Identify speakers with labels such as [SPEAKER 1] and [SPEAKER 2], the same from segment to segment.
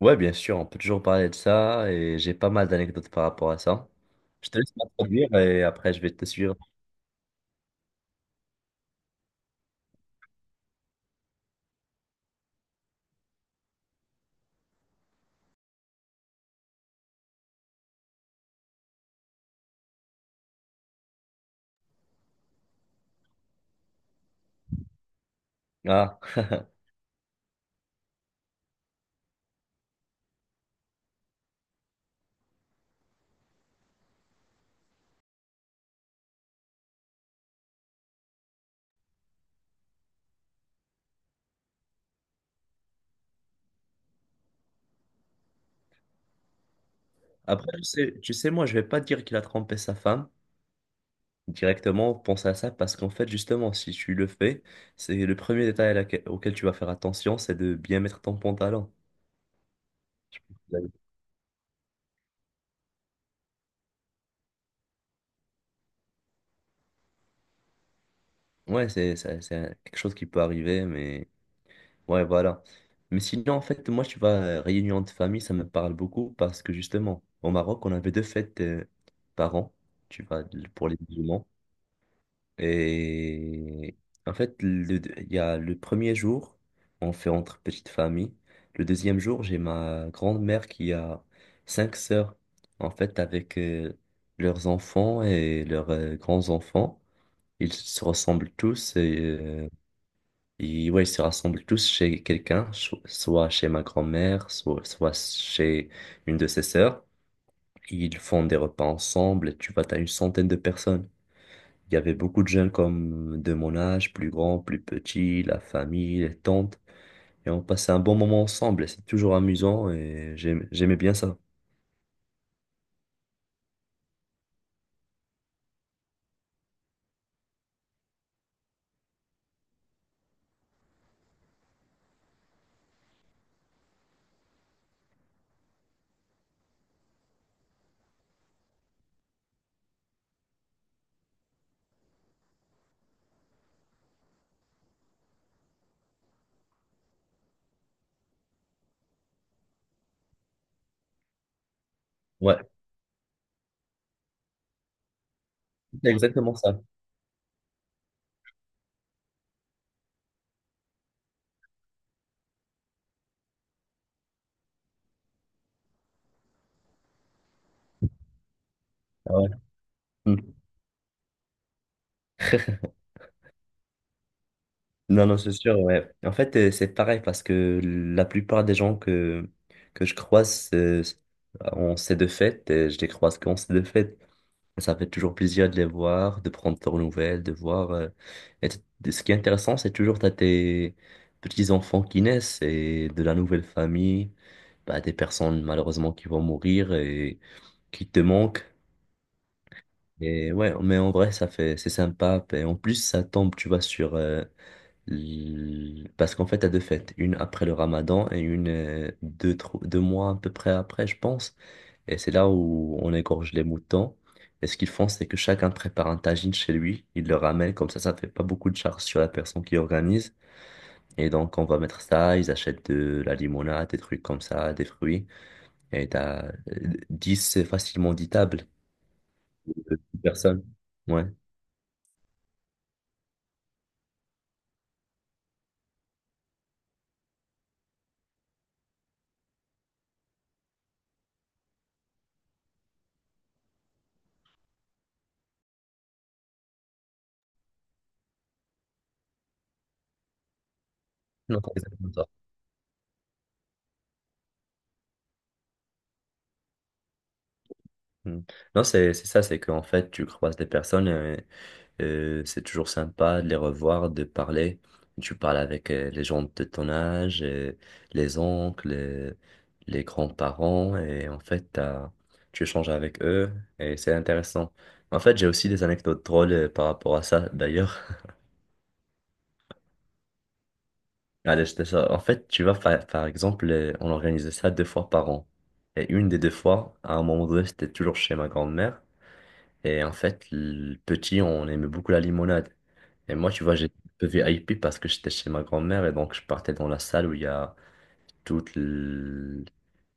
[SPEAKER 1] Ouais, bien sûr, on peut toujours parler de ça et j'ai pas mal d'anecdotes par rapport à ça. Je te laisse m'introduire et après je vais te suivre. Ah, après, moi, je vais pas dire qu'il a trompé sa femme directement, pense à ça parce qu'en fait, justement, si tu le fais, c'est le premier auquel tu vas faire attention, c'est de bien mettre ton pantalon. Ouais, c'est quelque chose qui peut arriver, mais ouais, voilà. Mais sinon, en fait, moi, tu vois, réunion de famille, ça me parle beaucoup parce que justement, au Maroc, on avait deux fêtes par an, tu vois, pour les musulmans. Et en fait, il y a le premier jour, on fait entre petites familles. Le deuxième jour, j'ai ma grand-mère qui a cinq sœurs, en fait, avec leurs enfants et leurs grands-enfants. Ils se ressemblent tous et ils, ouais, ils se rassemblent tous chez quelqu'un, soit chez ma grand-mère, soit chez une de ses sœurs. Ils font des repas ensemble. Tu vois, t'as une centaine de personnes. Il y avait beaucoup de jeunes comme de mon âge, plus grands, plus petits, la famille, les tantes. Et on passait un bon moment ensemble. Et c'est toujours amusant et j'aimais bien ça. Ouais, c'est exactement ça. Ah ouais. Mmh. Non, non, c'est sûr, ouais. En fait, c'est pareil parce que la plupart que je croise en ces deux fêtes, je les croise qu'en ces deux fêtes. Ça fait toujours plaisir de les voir, de prendre leurs nouvelles, de voir. Ce qui est intéressant, c'est toujours t'as tes petits-enfants qui naissent et de la nouvelle famille, bah, des personnes malheureusement qui vont mourir et qui te manquent. Et ouais, mais en vrai, c'est sympa. Et en plus, ça tombe, tu vois, parce qu'en fait, t'as deux fêtes, une après le Ramadan et une deux mois à peu près après, je pense. Et c'est là où on égorge les moutons. Et ce qu'ils font, c'est que chacun prépare un tagine chez lui, il le ramène, comme ça fait pas beaucoup de charge sur la personne qui organise. Et donc, on va mettre ça, ils achètent de la limonade, des trucs comme ça, des fruits. Et t'as 10, facilement 10 tables, personnes. Ouais. Non. Mm. Non, c'est ça, c'est qu'en fait, tu croises des personnes, c'est toujours sympa de les revoir, de parler. Tu parles avec les gens de ton âge, les oncles, les grands-parents, et en fait, tu échanges avec eux, et c'est intéressant. En fait, j'ai aussi des anecdotes drôles par rapport à ça, d'ailleurs. Allez, je te sors. En fait, tu vois, par exemple, on organisait ça deux fois par an. Et une des deux fois, à un moment donné, c'était toujours chez ma grand-mère. Et en fait, le petit, on aimait beaucoup la limonade. Et moi, tu vois, j'étais un peu VIP parce que j'étais chez ma grand-mère et donc je partais dans la salle où il y a toutes l-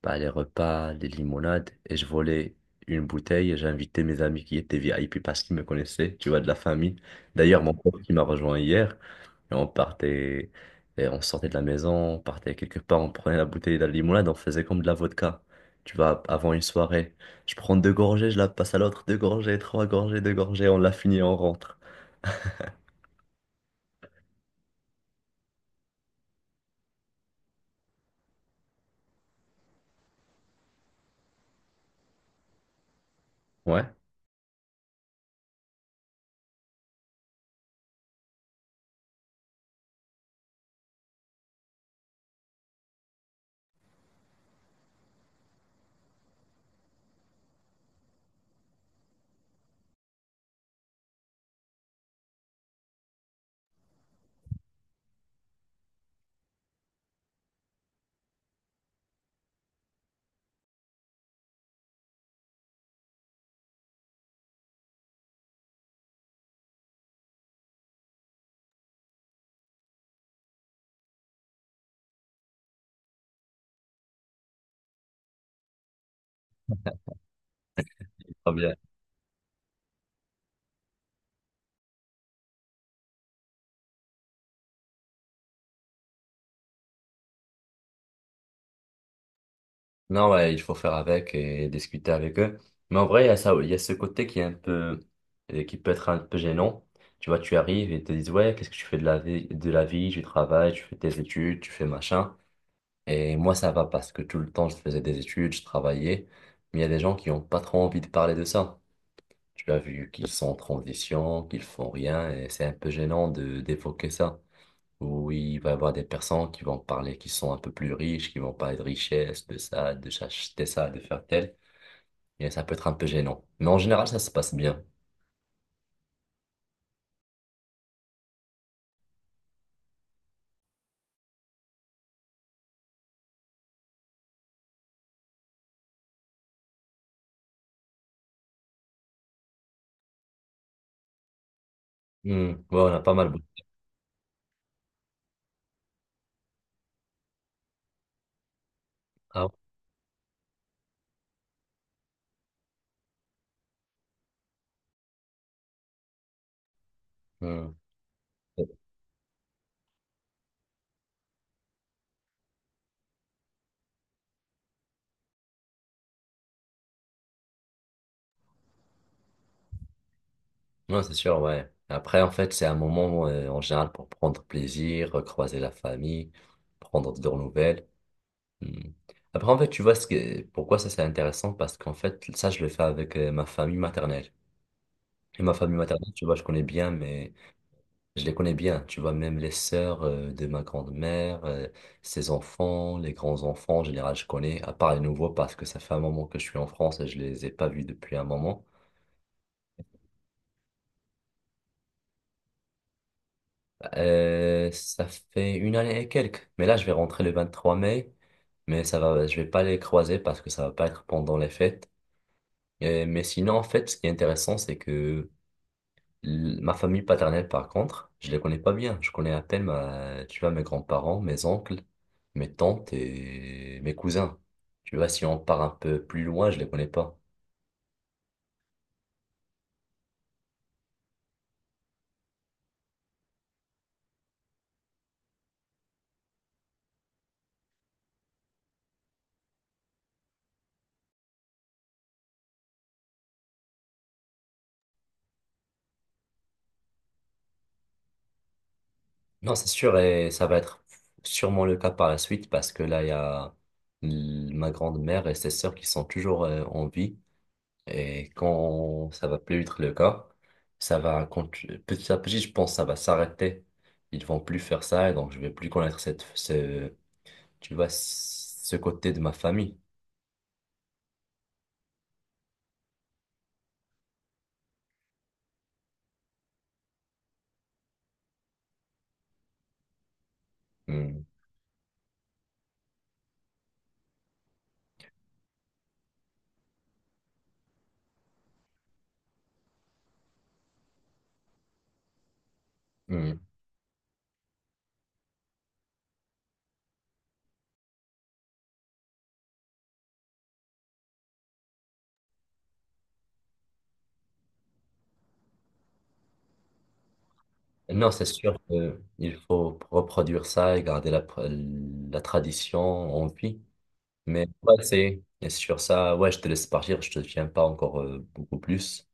[SPEAKER 1] bah, les repas, les limonades et je volais une bouteille et j'invitais mes amis qui étaient VIP parce qu'ils me connaissaient, tu vois, de la famille. D'ailleurs, mon pote qui m'a rejoint hier, et on partait, et on sortait de la maison, on partait quelque part, on prenait la bouteille de la limonade, on faisait comme de la vodka. Tu vois, avant une soirée, je prends deux gorgées, je la passe à l'autre, deux gorgées, trois gorgées, deux gorgées, on la finit, on rentre. Ouais. Pas bien. Non, ouais, il faut faire avec et discuter avec eux. Mais en vrai, il y a ça, il y a ce côté qui est un peu, qui peut être un peu gênant. Tu vois, tu arrives et ils te disent, ouais, qu'est-ce que tu fais de la vie, tu travailles, tu fais tes études, tu fais machin. Et moi, ça va parce que tout le temps, je faisais des études, je travaillais. Mais il y a des gens qui n'ont pas trop envie de parler de ça. Tu as vu qu'ils sont en transition, qu'ils font rien, et c'est un peu gênant de d'évoquer ça. Où il va y avoir des personnes qui vont parler, qui sont un peu plus riches, qui vont parler de richesse, de ça, de s'acheter ça, de faire tel. Et ça peut être un peu gênant. Mais en général, ça se passe bien. Hmm. Ouais, on a pas mal. Ah. Ouais. Hmm. Non, c'est sûr, ouais. Après, en fait, c'est un moment en général pour prendre plaisir, croiser la famille, prendre de leurs nouvelles. Hmm. Après, en fait, tu vois ce que, pourquoi ça c'est intéressant? Parce qu'en fait, ça, je le fais avec ma famille maternelle. Et ma famille maternelle, tu vois, je connais bien, mais je les connais bien. Tu vois, même les sœurs de ma grand-mère, ses enfants, les grands-enfants, en général, je connais, à part les nouveaux, parce que ça fait un moment que je suis en France et je les ai pas vus depuis un moment. Ça fait une année et quelques. Mais là, je vais rentrer le 23 mai. Mais ça va, je vais pas les croiser parce que ça va pas être pendant les fêtes. Mais sinon, en fait, ce qui est intéressant, c'est que ma famille paternelle, par contre, je les connais pas bien. Je connais à peine tu vois, mes grands-parents, mes oncles, mes tantes et mes cousins. Tu vois, si on part un peu plus loin, je les connais pas. Non, c'est sûr, et ça va être sûrement le cas par la suite parce que là, il y a ma grande-mère et ses sœurs qui sont toujours en vie. Et quand ça va plus être le cas, ça va continuer. Petit à petit, je pense, que ça va s'arrêter. Ils vont plus faire ça et donc je vais plus connaître ce, tu vois, ce côté de ma famille. Hmm. Hmm. Non, c'est sûr qu'il faut reproduire ça et garder la, la tradition en vie. Mais ouais, c'est et sur ça, ouais, je te laisse partir, je te tiens pas encore beaucoup plus.